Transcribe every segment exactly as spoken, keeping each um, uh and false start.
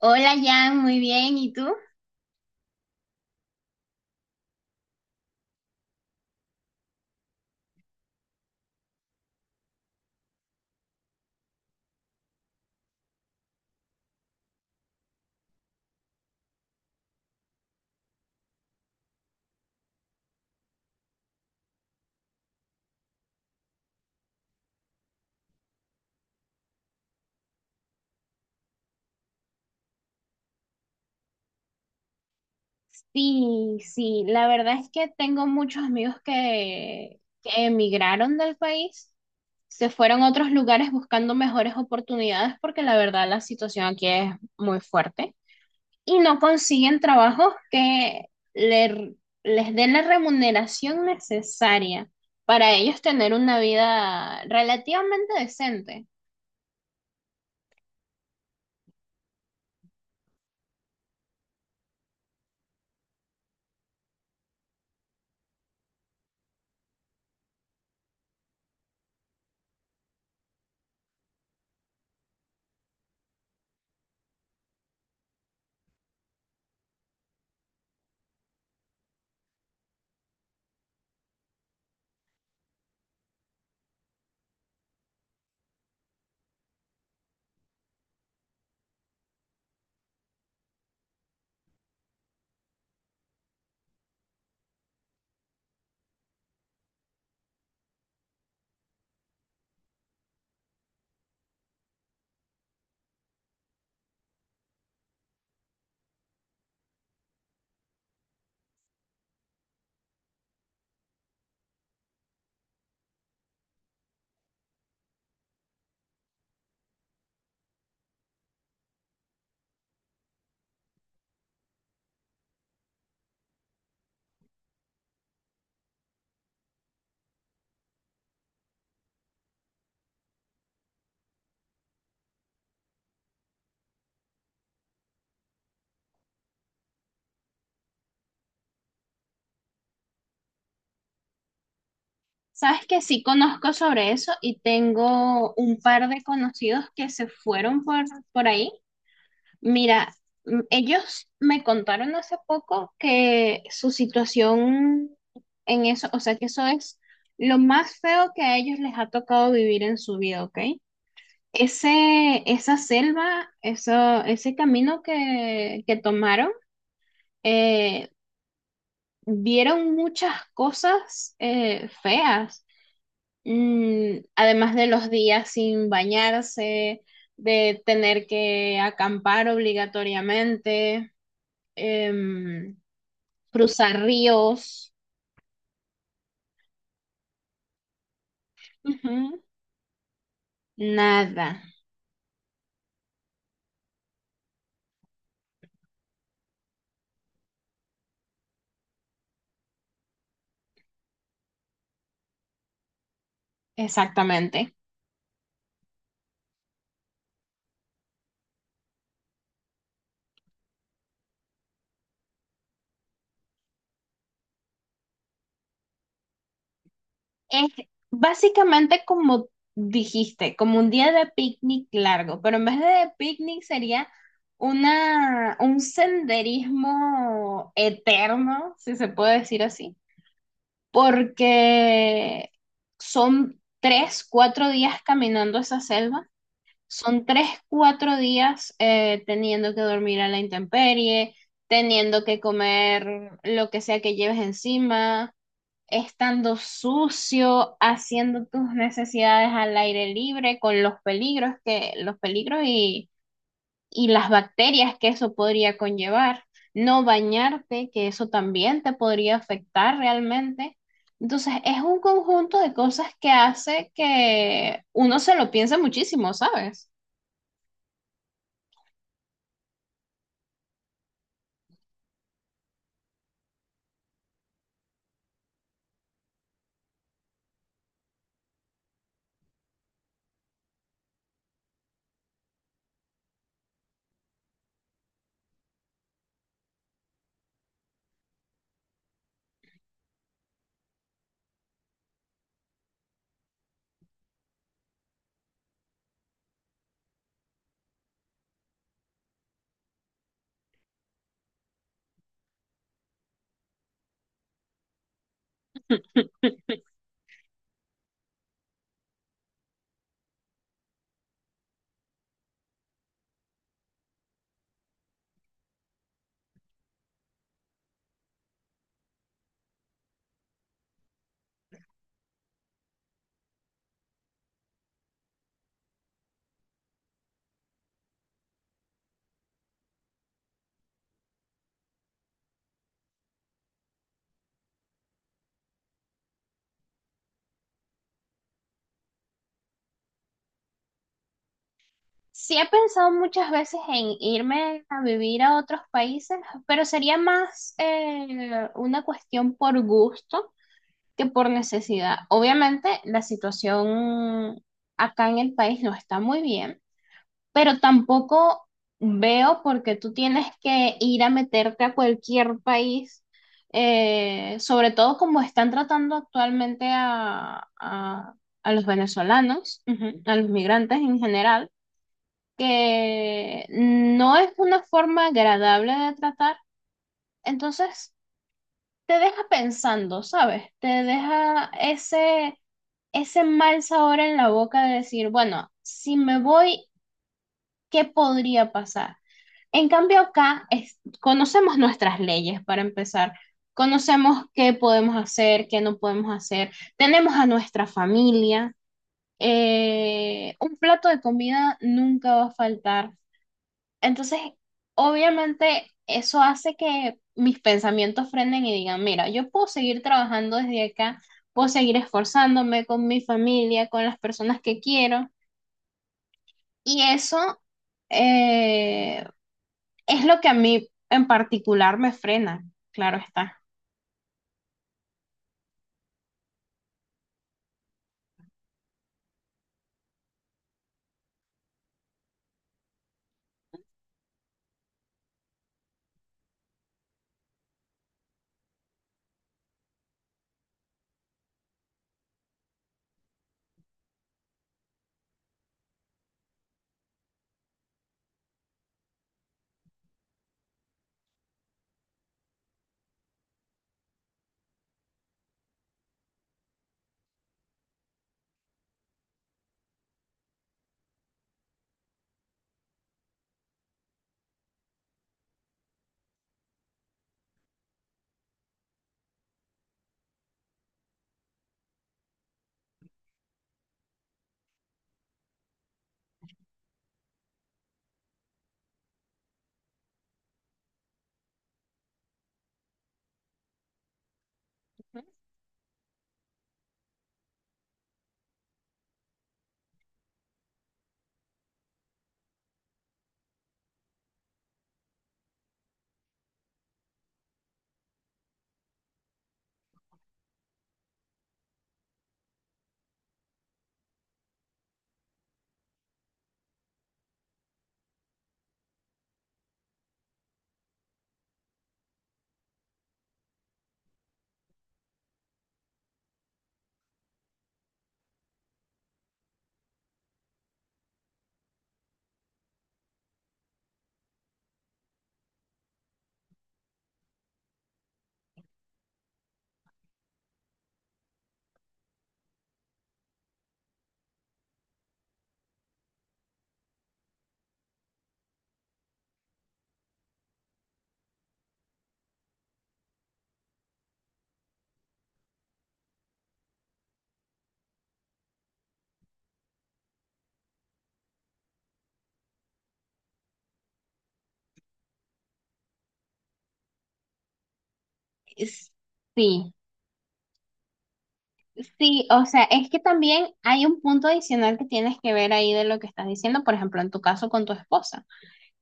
Hola Jan, muy bien, ¿y tú? Sí, sí, la verdad es que tengo muchos amigos que, que emigraron del país, se fueron a otros lugares buscando mejores oportunidades porque la verdad la situación aquí es muy fuerte y no consiguen trabajos que le- les den la remuneración necesaria para ellos tener una vida relativamente decente. Sabes que sí conozco sobre eso y tengo un par de conocidos que se fueron por, por ahí. Mira, mm, ellos me contaron hace poco que su situación en eso, o sea, que eso es lo más feo que a ellos les ha tocado vivir en su vida, ¿ok? Ese, esa selva, eso, ese camino que, que tomaron, eh, vieron muchas cosas eh, feas. Mm, además de los días sin bañarse, de tener que acampar obligatoriamente, em, cruzar ríos, ujú, nada, exactamente. Es básicamente como dijiste, como un día de picnic largo, pero en vez de picnic sería una, un senderismo eterno, si se puede decir así, porque son tres, cuatro días caminando esa selva, son tres, cuatro días eh, teniendo que dormir a la intemperie, teniendo que comer lo que sea que lleves encima, estando sucio, haciendo tus necesidades al aire libre, con los peligros que, los peligros y las bacterias que eso podría conllevar, no bañarte, que eso también te podría afectar realmente. Entonces, es un conjunto de cosas que hace que uno se lo piense muchísimo, ¿sabes? Sí he pensado muchas veces en irme a vivir a otros países, pero sería más eh, una cuestión por gusto que por necesidad. Obviamente, la situación acá en el país no está muy bien, pero tampoco veo por qué tú tienes que ir a meterte a cualquier país, eh, sobre todo como están tratando actualmente a, a- a los venezolanos, ujú, a los migrantes en general, que no es una forma agradable de tratar. Entonces, te deja pensando, ¿sabes? Te deja ese, ese mal sabor en la boca de decir, bueno, si me voy, ¿qué podría pasar? En cambio, acá es- conocemos nuestras leyes para empezar. Conocemos qué podemos hacer, qué no podemos hacer. Tenemos a nuestra familia. Eh, un plato de comida nunca va a faltar. Entonces, obviamente, eso hace que mis pensamientos frenen y digan, mira, yo puedo seguir trabajando desde acá, puedo seguir esforzándome con mi familia, con las personas que quiero. Y eso, eh, es lo que a mí en particular me frena, claro está. Es- Sí, sí, o sea, es que también hay un punto adicional que tienes que ver ahí de lo que estás diciendo, por ejemplo, en tu caso con tu esposa,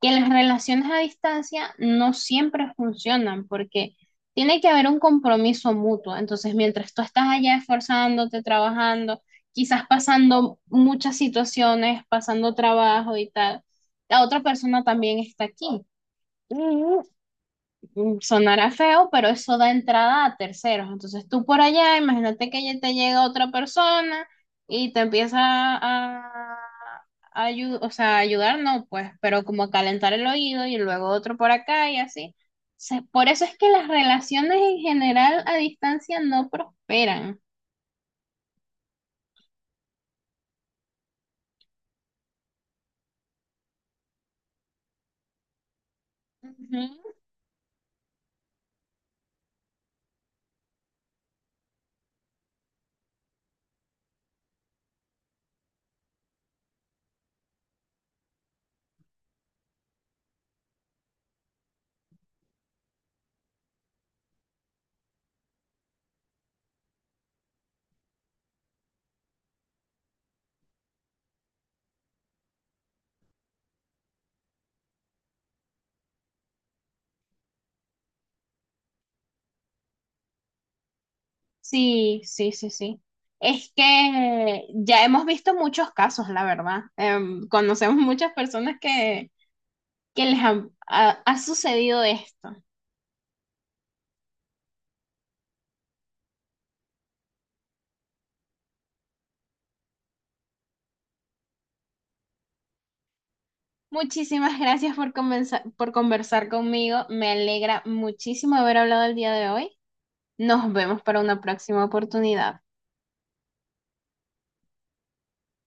que las relaciones a distancia no siempre funcionan porque tiene que haber un compromiso mutuo. Entonces, mientras tú estás allá esforzándote, trabajando, quizás pasando muchas situaciones, pasando trabajo y tal, la otra persona también está aquí. Mm, sonará feo, pero eso da entrada a terceros. Entonces tú por allá, imagínate que ya te llega otra persona y te empieza a, a ayu- o sea, a ayudar, no, pues, pero como a calentar el oído y luego otro por acá y así. Se- por eso es que las relaciones en general a distancia no prosperan. Ujú. Sí, sí, sí, sí. Es que ya hemos visto muchos casos, la verdad. Em, conocemos muchas personas que que les ha, ha- ha sucedido esto. Muchísimas gracias por, comenza- por conversar conmigo. Me alegra muchísimo haber hablado el día de hoy. Nos vemos para una próxima oportunidad.